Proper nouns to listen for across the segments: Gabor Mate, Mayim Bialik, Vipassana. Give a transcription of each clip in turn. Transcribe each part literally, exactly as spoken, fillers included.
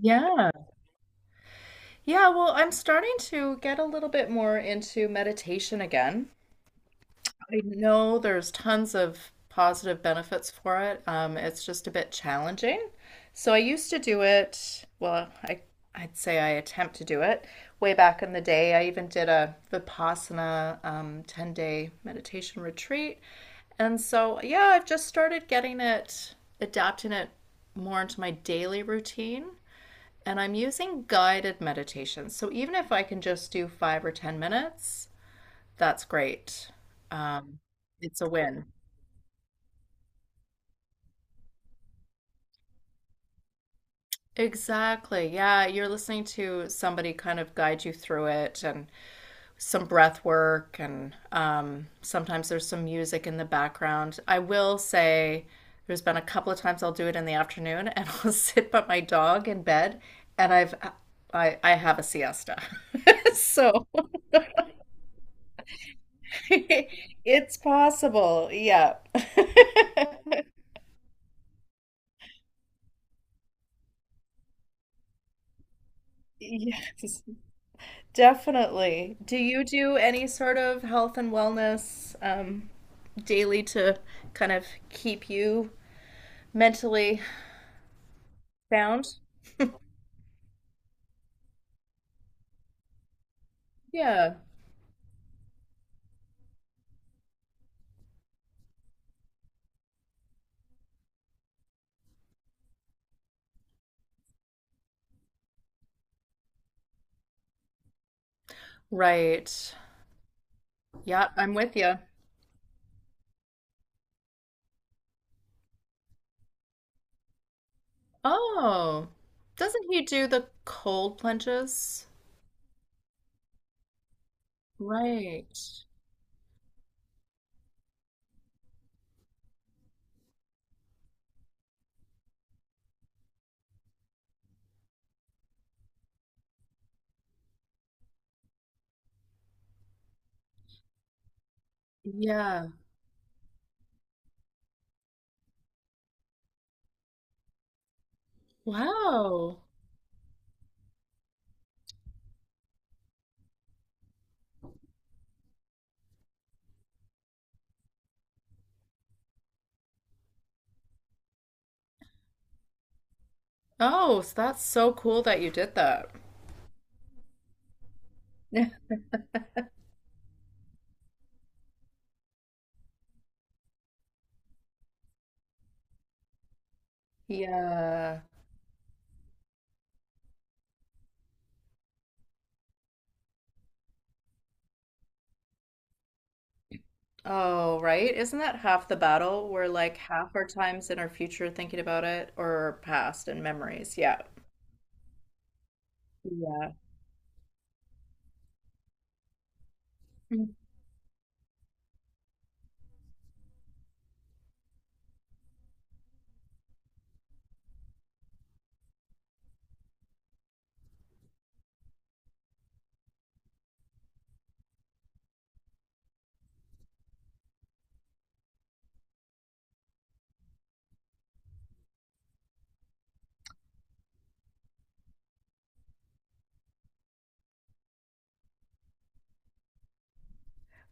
Yeah. Yeah, well, I'm starting to get a little bit more into meditation again. I know there's tons of positive benefits for it. Um, it's just a bit challenging. So I used to do it, well, I I'd say I attempt to do it. Way back in the day, I even did a Vipassana um, ten-day meditation retreat. And so, yeah, I've just started getting it, adapting it more into my daily routine. And I'm using guided meditations. So even if I can just do five or ten minutes, that's great. Um, it's a win. Exactly. Yeah, you're listening to somebody kind of guide you through it and some breath work and um, sometimes there's some music in the background. I will say there's been a couple of times I'll do it in the afternoon and I'll sit by my dog in bed and I've I I have a siesta. So it's possible. Yeah. Yes, definitely. Do you do any sort of health and wellness um, daily to kind of keep you mentally sound? Yeah. Right. Yeah, I'm with you. Oh, doesn't he do the cold plunges? Right. Yeah. Wow. Oh, so that's so cool that you did that. Yeah. Oh, right. Isn't that half the battle? We're like half our times in our future thinking about it or past and memories. Yeah. Yeah. Mm.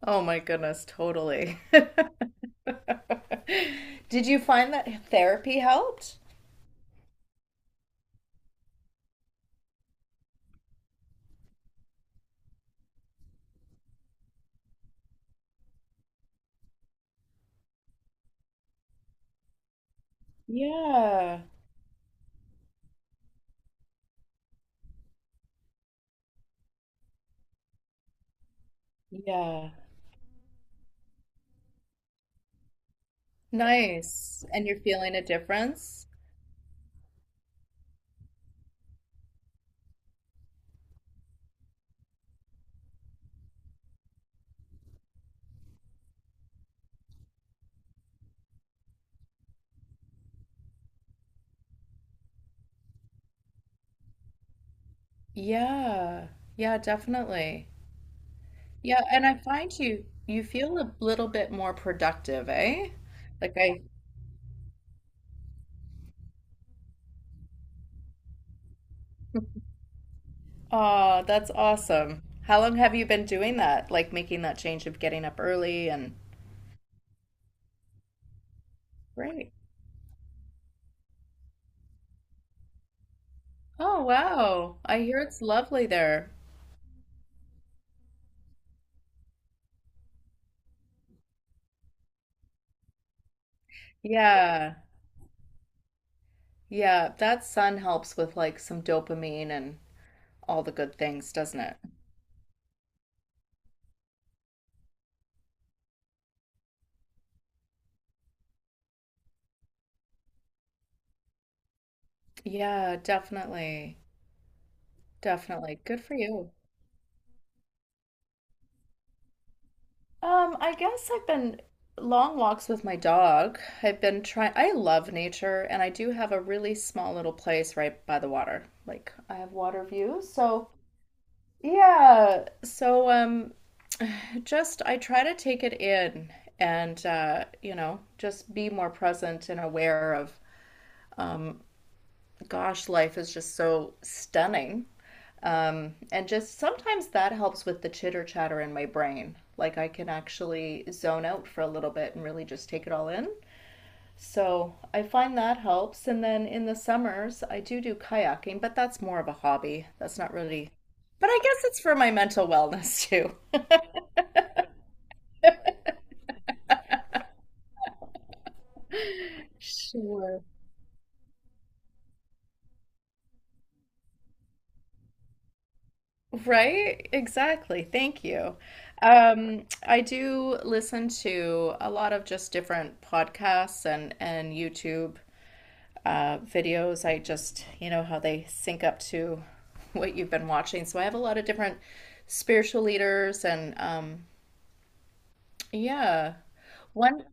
Oh my goodness, totally. Did you find that therapy helped? Yeah. Yeah. Nice. And you're feeling a difference? Yeah. Yeah, definitely. Yeah, and I find you you feel a little bit more productive, eh? Like I. Oh, that's awesome. How long have you been doing that? Like making that change of getting up early and great. Oh, wow. I hear it's lovely there. Yeah. Yeah, that sun helps with like some dopamine and all the good things, doesn't it? Yeah, definitely. Definitely. Good for you. Um, I guess I've been long walks with my dog. I've been trying, I love nature, and I do have a really small little place right by the water. Like, I have water views, so yeah. So um just I try to take it in and uh, you know, just be more present and aware of um gosh, life is just so stunning. Um and just sometimes that helps with the chitter chatter in my brain. Like I can actually zone out for a little bit and really just take it all in. So I find that helps. And then in the summers, I do do kayaking, but that's more of a hobby. That's not really, but I guess it's for my mental wellness too. Sure. Right? Exactly. Thank you. Um, I do listen to a lot of just different podcasts and and YouTube uh, videos. I just, you know, how they sync up to what you've been watching. So I have a lot of different spiritual leaders and um, yeah. One,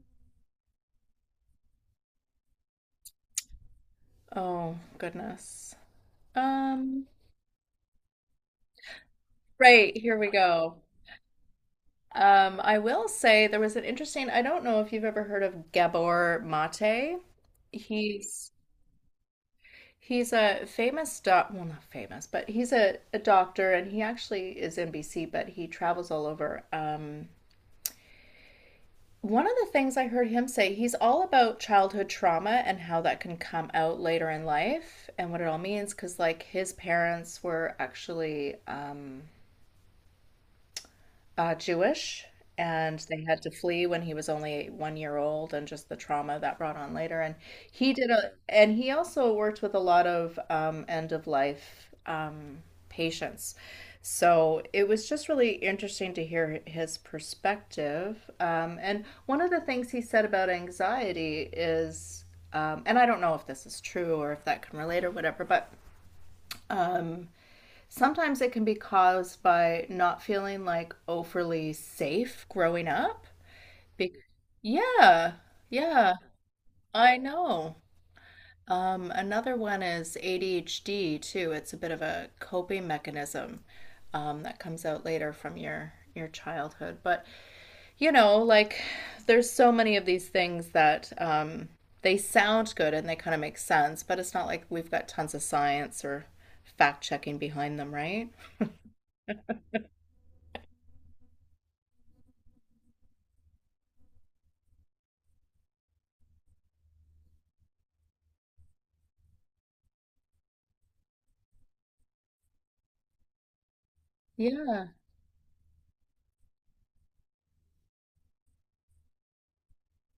oh goodness. Um, right, here we go. Um, I will say there was an interesting, I don't know if you've ever heard of Gabor Mate. He's he's a famous doc, well, not famous, but he's a, a doctor and he actually is in B C, but he travels all over. Um, one of the things I heard him say, he's all about childhood trauma and how that can come out later in life and what it all means, because like his parents were actually um uh, Jewish, and they had to flee when he was only one year old, and just the trauma that brought on later. And he did a, and he also worked with a lot of um, end of life um, patients. So it was just really interesting to hear his perspective. Um, and one of the things he said about anxiety is, um, and I don't know if this is true or if that can relate or whatever, but um, sometimes it can be caused by not feeling like overly safe growing up. Be- yeah, yeah, I know. Um, another one is A D H D too. It's a bit of a coping mechanism um, that comes out later from your your childhood. But you know, like there's so many of these things that um, they sound good and they kind of make sense, but it's not like we've got tons of science or fact checking behind them, right? Yeah.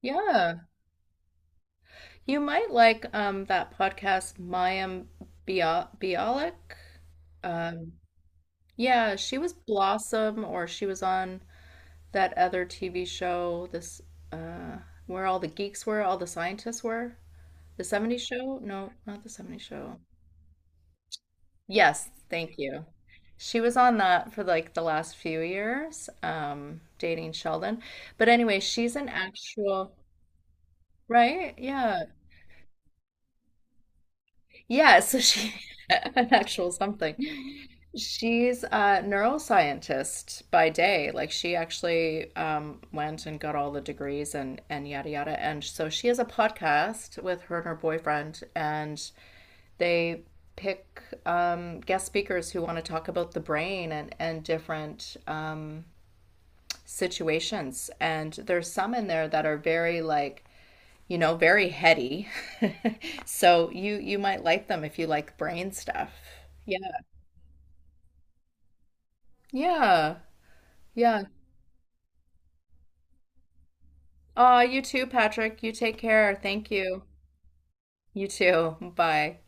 Yeah. You might like um that podcast Mayim Bia Bialik. Um yeah, she was Blossom or she was on that other T V show this uh where all the geeks were, all the scientists were. The seventies show? No, not the seventies show. Yes, thank you. She was on that for like the last few years, um, dating Sheldon. But anyway, she's an actual, right? Yeah. Yeah, so she an actual something. She's a neuroscientist by day. Like she actually um, went and got all the degrees and and yada yada. And so she has a podcast with her and her boyfriend, and they pick um, guest speakers who want to talk about the brain and and different um, situations. And there's some in there that are very like you know, very heady. So you you might like them if you like brain stuff. Yeah. Yeah. Yeah. Ah, you too, Patrick. You take care. Thank you. You too. Bye.